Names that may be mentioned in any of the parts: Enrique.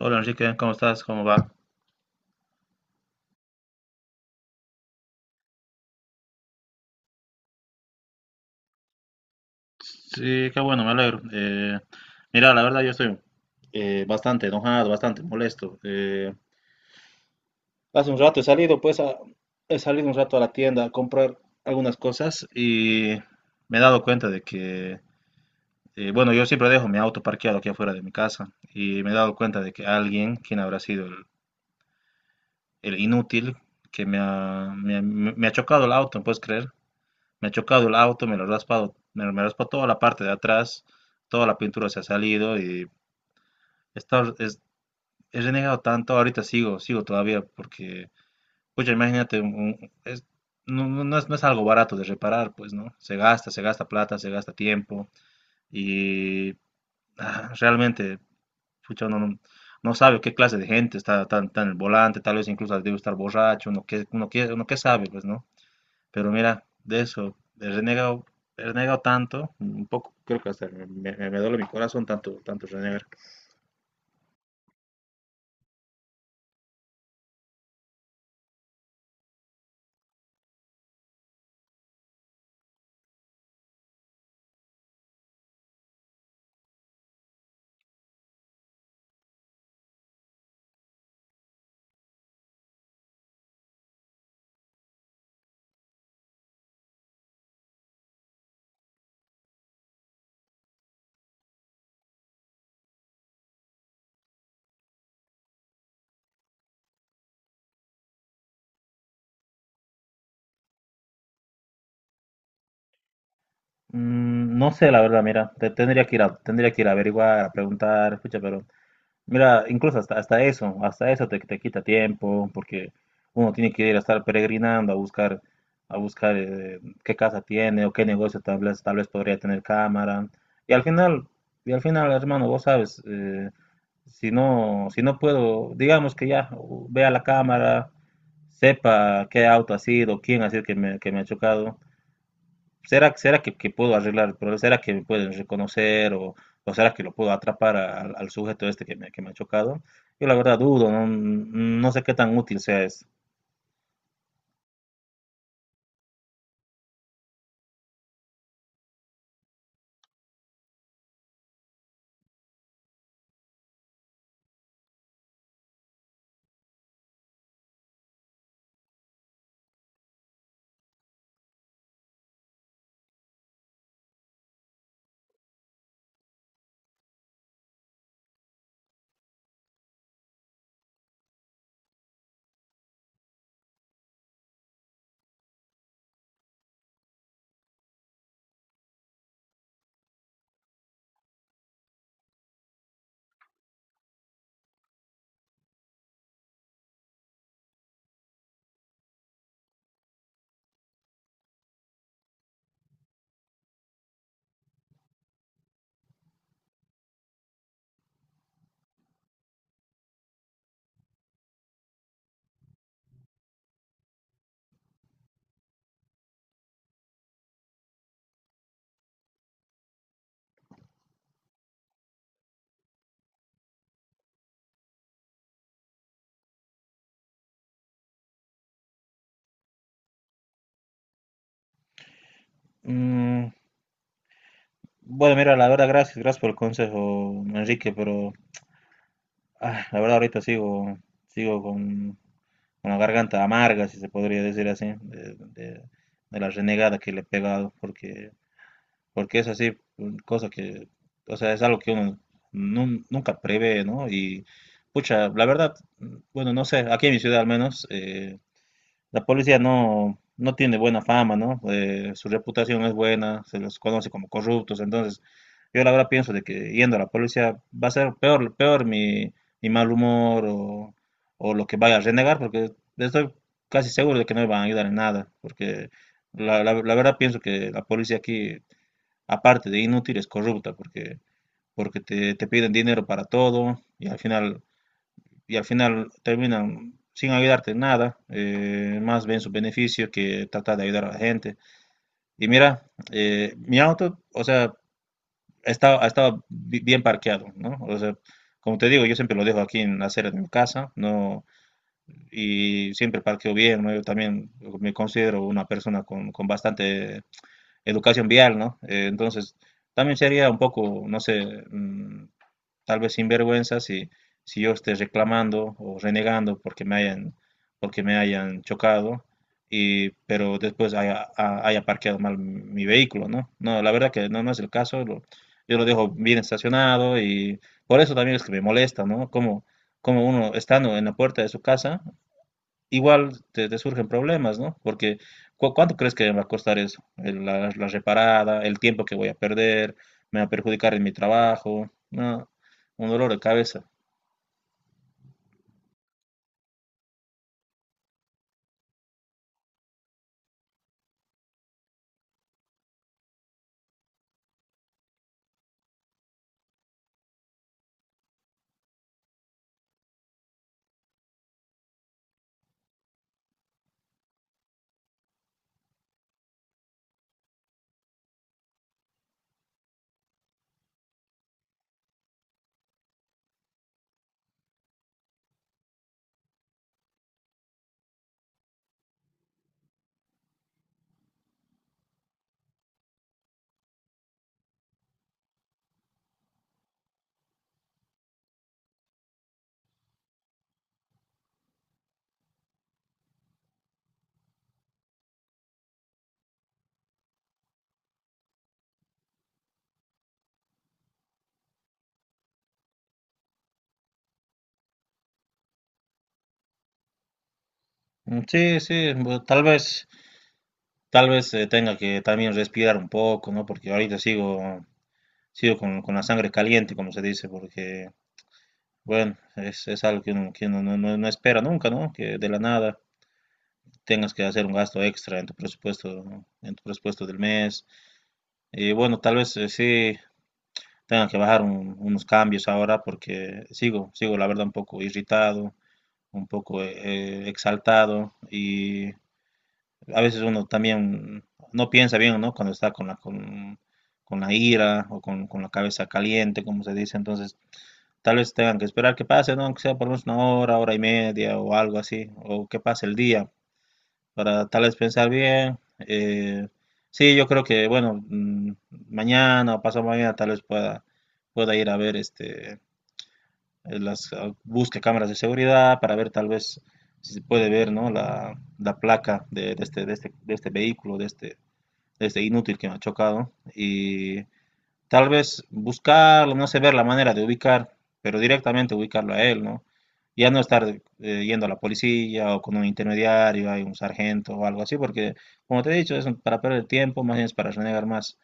Hola Enrique, ¿cómo estás? ¿Cómo va? Sí, qué bueno, me alegro. Mira, la verdad yo estoy bastante enojado, bastante molesto. Hace un rato he salido, pues, he salido un rato a la tienda a comprar algunas cosas y me he dado cuenta de que, bueno, yo siempre dejo mi auto parqueado aquí afuera de mi casa y me he dado cuenta de que alguien, quien habrá sido el inútil, que me ha chocado el auto, ¿puedes creer? Me ha chocado el auto, me lo he raspado, me raspa toda la parte de atrás, toda la pintura se ha salido y he, estado- es- he renegado tanto, ahorita sigo, sigo todavía porque, pucha, imagínate, no es algo barato de reparar, pues, ¿no? Se gasta plata, se gasta tiempo y realmente, pucha, uno no sabe qué clase de gente está tan, tan en el volante, tal vez incluso debe estar borracho, uno qué sabe, pues, ¿no? Pero mira, de eso, he renegado tanto, un poco, creo que hasta me duele mi corazón tanto, tanto renegar. Mm, no sé, la verdad, mira, tendría que ir a averiguar, a preguntar, escucha, pero mira, incluso hasta eso te quita tiempo, porque uno tiene que ir a estar peregrinando a buscar, qué casa tiene o qué negocio tal vez podría tener cámara. Y al final, y al final, hermano, vos sabes, si no, si no puedo, digamos que ya vea la cámara, sepa qué auto ha sido, quién ha sido que me ha chocado, ¿Será que puedo arreglar el problema? ¿Será que me pueden reconocer o será que lo puedo atrapar al sujeto este que me ha chocado? Yo la verdad dudo, no sé qué tan útil sea eso. Mm, bueno, mira, la verdad, gracias, gracias por el consejo, Enrique, pero la verdad ahorita sigo, sigo con la garganta amarga, si se podría decir así, de la renegada que le he pegado, porque, es así, cosa que, o sea, es algo que uno nunca prevé, ¿no? Y, pucha, la verdad, bueno, no sé, aquí en mi ciudad al menos, la policía no tiene buena fama, ¿no? Su reputación no es buena, se los conoce como corruptos, entonces yo la verdad pienso de que yendo a la policía va a ser peor, peor mi mal humor o lo que vaya a renegar, porque estoy casi seguro de que no me van a ayudar en nada, porque la verdad pienso que la policía aquí, aparte de inútil, es corrupta, porque, te piden dinero para todo y al final terminan sin ayudarte en nada, más ven su beneficio que tratar de ayudar a la gente. Y mira, mi auto, o sea, estaba bien parqueado, ¿no? O sea, como te digo, yo siempre lo dejo aquí en la acera de mi casa, ¿no? Y siempre parqueo bien, ¿no? Yo también me considero una persona con, bastante educación vial, ¿no? Entonces, también sería un poco, no sé, tal vez sinvergüenza si yo esté reclamando o renegando porque me hayan, chocado, y, pero después haya parqueado mal mi vehículo, ¿no? No, la verdad que no es el caso, yo lo dejo bien estacionado y por eso también es que me molesta, ¿no? Como uno estando en la puerta de su casa igual te surgen problemas, ¿no? Porque ¿cuánto crees que me va a costar eso? La reparada, el tiempo que voy a perder, me va a perjudicar en mi trabajo, ¿no? Un dolor de cabeza. Mm, sí, sí, tal vez, tenga que también respirar un poco, ¿no? Porque ahorita sigo, sigo con la sangre caliente, como se dice, porque, bueno, es algo que uno, no espera nunca, ¿no? Que de la nada tengas que hacer un gasto extra en tu presupuesto del mes. Y bueno, tal vez sí tenga que bajar unos cambios ahora porque sigo, sigo la verdad un poco irritado, un poco exaltado y a veces uno también no piensa bien, ¿no? Cuando está con la ira o con la cabeza caliente, como se dice, entonces tal vez tengan que esperar que pase, ¿no? Aunque sea por lo menos una hora, hora y media o algo así, o que pase el día para tal vez pensar bien. Sí, yo creo que, bueno, mañana o pasado mañana tal vez pueda, pueda ir a ver busque cámaras de seguridad para ver tal vez si se puede ver, ¿no? La placa de este vehículo, de este inútil que me ha chocado. Y tal vez buscarlo, no sé, ver la manera de ubicar, pero directamente ubicarlo a él, ¿no? Ya no estar yendo a la policía o con un intermediario, hay un sargento o algo así, porque como te he dicho, es para perder tiempo, más bien es para renegar más.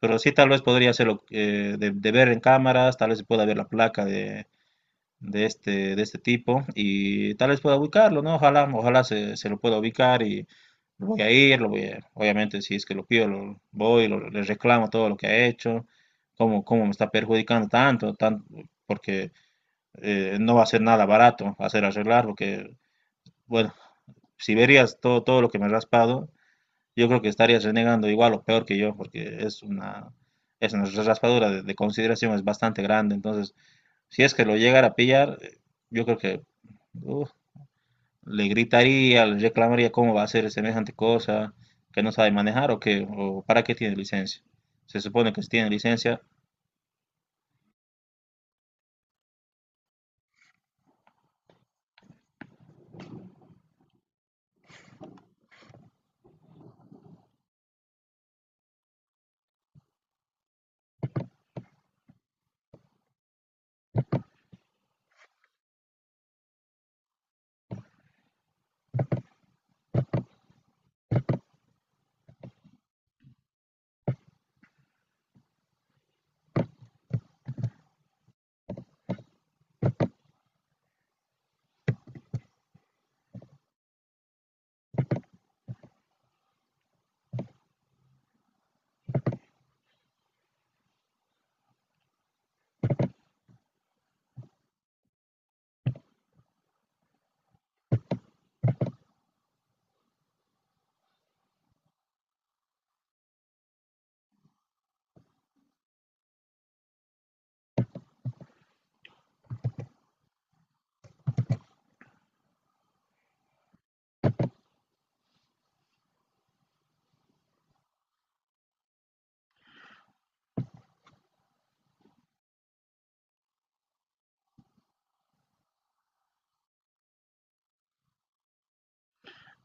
Pero sí, tal vez podría hacerlo de ver en cámaras, tal vez se pueda ver la placa de este tipo y tal vez pueda ubicarlo, ¿no? Ojalá, ojalá se lo pueda ubicar y lo voy a ir, obviamente si es que lo pido, le reclamo todo lo que ha hecho, cómo me está perjudicando tanto, porque no va a ser nada barato hacer arreglar, porque, bueno, si verías todo, todo lo que me he raspado, yo creo que estarías renegando igual o peor que yo, porque es una raspadura de consideración, es bastante grande, entonces, si es que lo llegara a pillar, yo creo que uf, le gritaría, le reclamaría cómo va a hacer semejante cosa, que no sabe manejar o para qué tiene licencia. Se supone que si tiene licencia,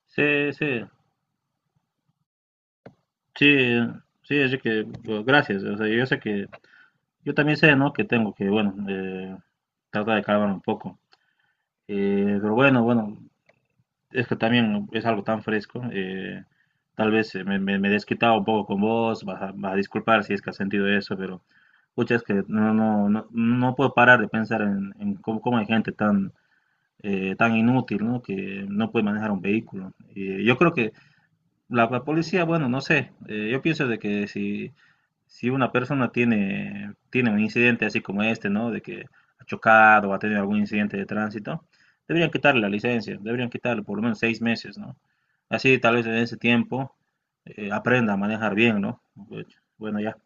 sí, sí, sí, sí, así que bueno, gracias. O sea, yo sé que yo también sé, ¿no? Que tengo que, bueno, tratar de calmar un poco. Pero bueno, bueno, es que también es algo tan fresco. Tal vez me he desquitado un poco con vos, vas a disculpar si es que has sentido eso, pero pucha, es que no puedo parar de pensar en cómo hay gente tan, tan inútil, ¿no? Que no puede manejar un vehículo. Yo creo que la policía, bueno, no sé, yo pienso de que si una persona tiene, tiene un incidente así como este, ¿no? De que ha chocado o ha tenido algún incidente de tránsito, deberían quitarle la licencia, deberían quitarle por lo menos 6 meses, ¿no? Así tal vez en ese tiempo aprenda a manejar bien, ¿no? Pues, bueno, ya.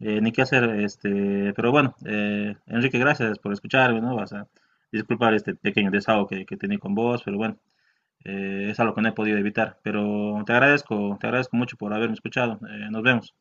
Ni qué hacer, pero bueno, Enrique, gracias por escucharme, ¿no? Vas a disculpar este pequeño desahogo que tenía con vos, pero bueno, es algo que no he podido evitar. Pero te agradezco mucho por haberme escuchado. Nos vemos.